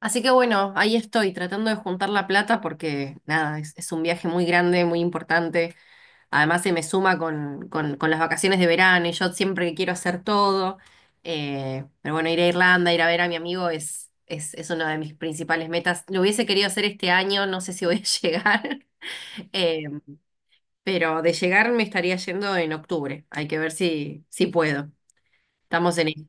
Así que bueno, ahí estoy tratando de juntar la plata porque nada, es un viaje muy grande, muy importante. Además se me suma con las vacaciones de verano y yo siempre quiero hacer todo. Pero bueno, ir a Irlanda, ir a ver a mi amigo es una de mis principales metas. Lo hubiese querido hacer este año, no sé si voy a llegar, Eh, pero de llegar me estaría yendo en octubre. Hay que ver si puedo. Estamos en ello.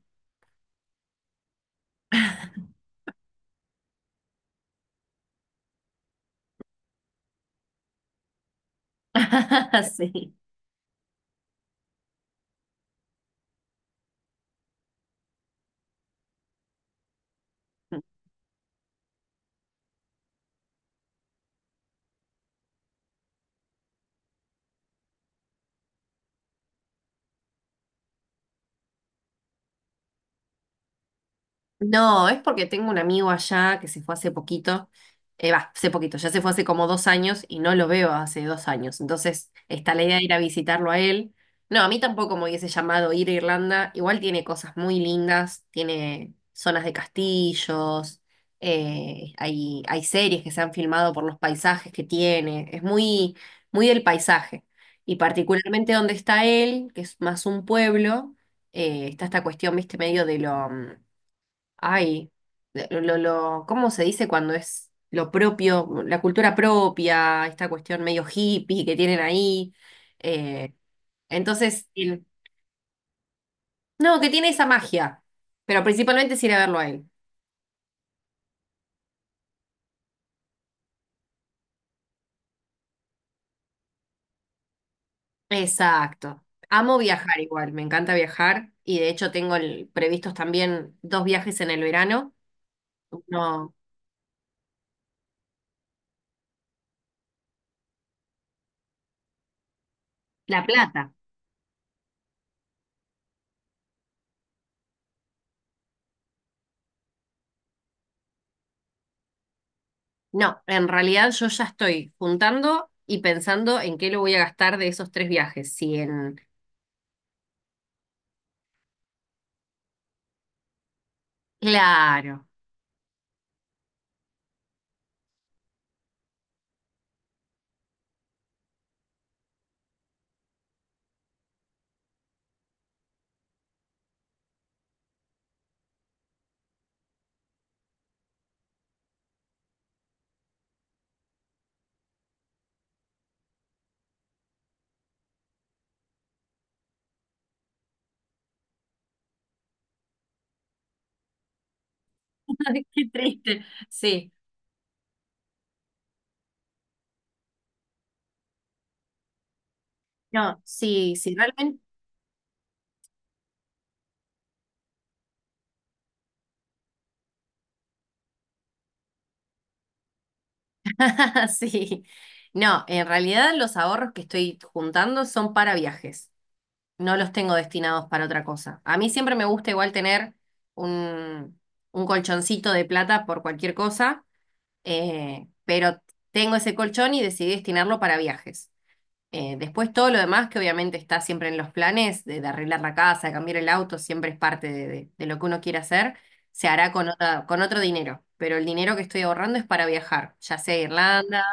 Sí. No, es porque tengo un amigo allá que se fue hace poquito, hace poquito, ya se fue hace como dos años y no lo veo hace dos años. Entonces está la idea de ir a visitarlo a él. No, a mí tampoco me hubiese llamado ir a Irlanda. Igual tiene cosas muy lindas, tiene zonas de castillos, hay series que se han filmado por los paisajes que tiene. Es muy del paisaje. Y particularmente donde está él, que es más un pueblo, está esta cuestión, viste, medio de Ay, ¿cómo se dice cuando es lo propio, la cultura propia, esta cuestión medio hippie que tienen ahí? Eh, entonces, el- no, que tiene esa magia, pero principalmente es ir a verlo a él. Exacto. Amo viajar igual, me encanta viajar y de hecho previstos también dos viajes en el verano. No, La Plata. No, en realidad yo ya estoy juntando y pensando en qué lo voy a gastar de esos tres viajes. Si en claro. Qué triste. Sí. No, sí, sí, realmente. Sí. No, en realidad los ahorros que estoy juntando son para viajes. No los tengo destinados para otra cosa. A mí siempre me gusta igual tener un, un colchoncito de plata por cualquier cosa, pero tengo ese colchón y decidí destinarlo para viajes. Después todo lo demás que obviamente está siempre en los planes, de arreglar la casa, de cambiar el auto, siempre es parte de lo que uno quiere hacer, se hará con con otro dinero, pero el dinero que estoy ahorrando es para viajar, ya sea a Irlanda,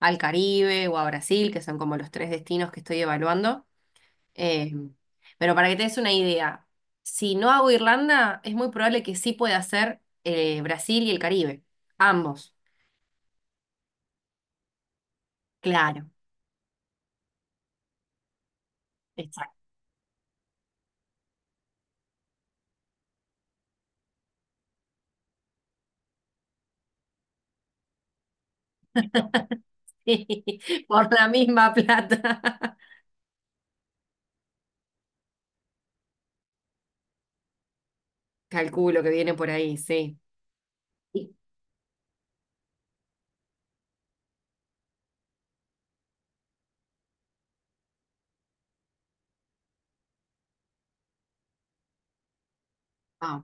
al Caribe o a Brasil, que son como los tres destinos que estoy evaluando. Eh, pero para que te des una idea, si no hago Irlanda, es muy probable que sí pueda hacer Brasil y el Caribe, ambos. Claro, exacto. Por la misma plata. Calculo que viene por ahí, sí. Sí. Ah,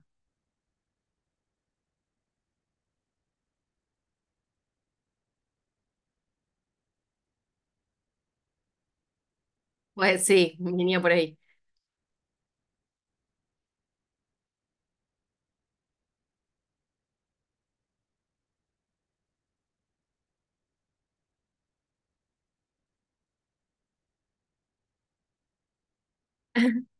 pues sí, venía por ahí.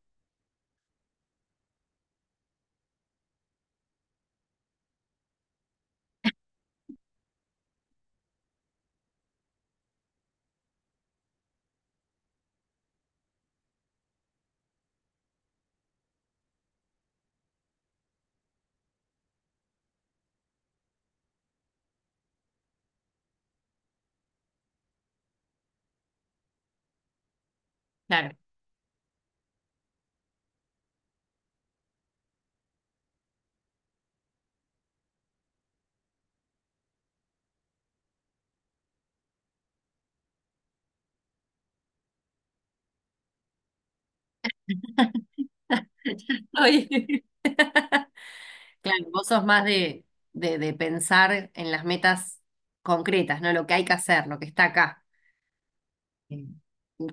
Claro. Oye, claro, vos sos más de, de pensar en las metas concretas, ¿no? Lo que hay que hacer, lo que está acá. Sí.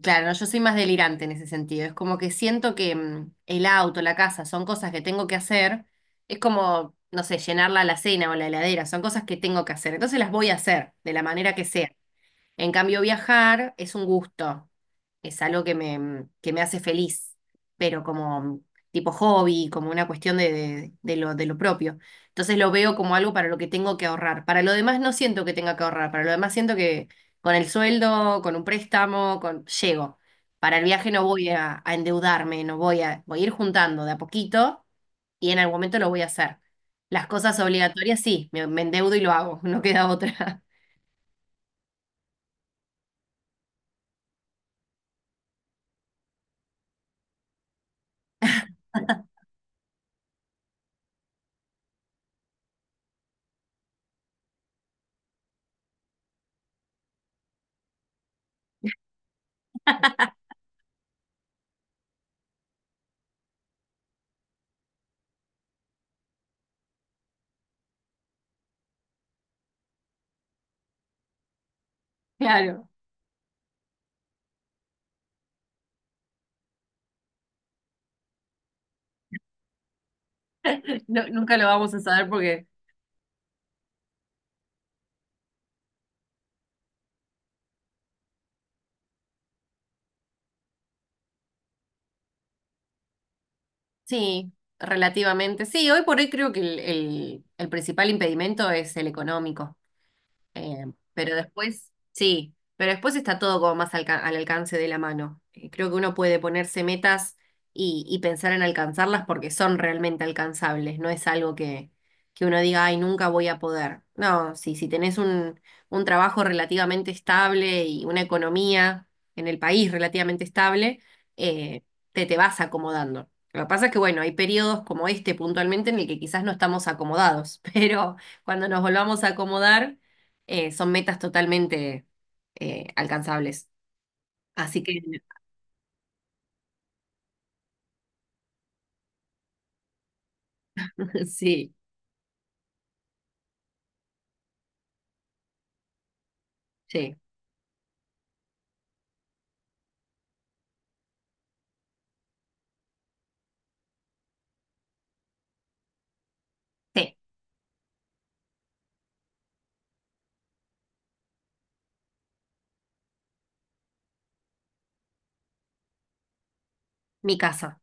Claro, no, yo soy más delirante en ese sentido. Es como que siento que mm, el auto, la casa, son cosas que tengo que hacer. Es como, no sé, llenar la alacena o la heladera, son cosas que tengo que hacer. Entonces las voy a hacer de la manera que sea. En cambio, viajar es un gusto, es algo que me hace feliz, pero como tipo hobby, como una cuestión de, de lo propio. Entonces lo veo como algo para lo que tengo que ahorrar. Para lo demás no siento que tenga que ahorrar, para lo demás siento que con el sueldo, con un préstamo, con... llego. Para el viaje no voy a endeudarme, no voy a, voy a ir juntando de a poquito y en algún momento lo voy a hacer. Las cosas obligatorias sí, me endeudo y lo hago, no queda otra. Claro. No, nunca lo vamos a saber porque sí, relativamente. Sí, hoy por hoy creo que el principal impedimento es el económico. Eh, pero después, sí, pero después está todo como más al alcance de la mano. Creo que uno puede ponerse metas y pensar en alcanzarlas porque son realmente alcanzables, no es algo que uno diga, ay, nunca voy a poder. No, sí, si tenés un trabajo relativamente estable y una economía en el país relativamente estable, eh, te vas acomodando. Lo que pasa es que, bueno, hay periodos como este puntualmente en el que quizás no estamos acomodados, pero cuando nos volvamos a acomodar son metas totalmente alcanzables. Así que sí, sí, sí, mi casa,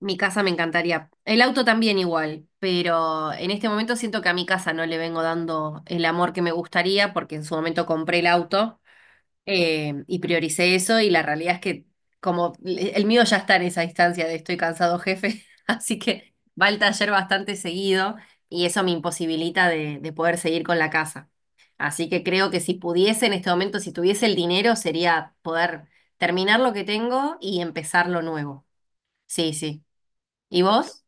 mi casa me encantaría. El auto también igual, pero en este momento siento que a mi casa no le vengo dando el amor que me gustaría porque en su momento compré el auto. Y prioricé eso y la realidad es que como el mío ya está en esa instancia de estoy cansado, jefe, así que va al taller bastante seguido y eso me imposibilita de poder seguir con la casa. Así que creo que si pudiese en este momento, si tuviese el dinero, sería poder terminar lo que tengo y empezar lo nuevo. Sí, sí. ¿Y vos?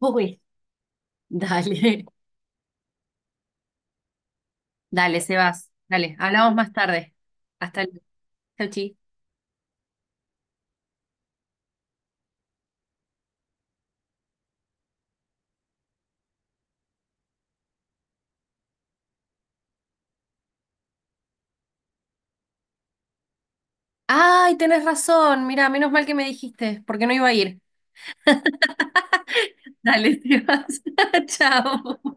Uy. Dale, dale, Sebas. Dale, hablamos más tarde. Hasta luego. Chau, chi. Ay, tenés razón. Mira, menos mal que me dijiste, porque no iba a ir. Dale, te vas. Chao.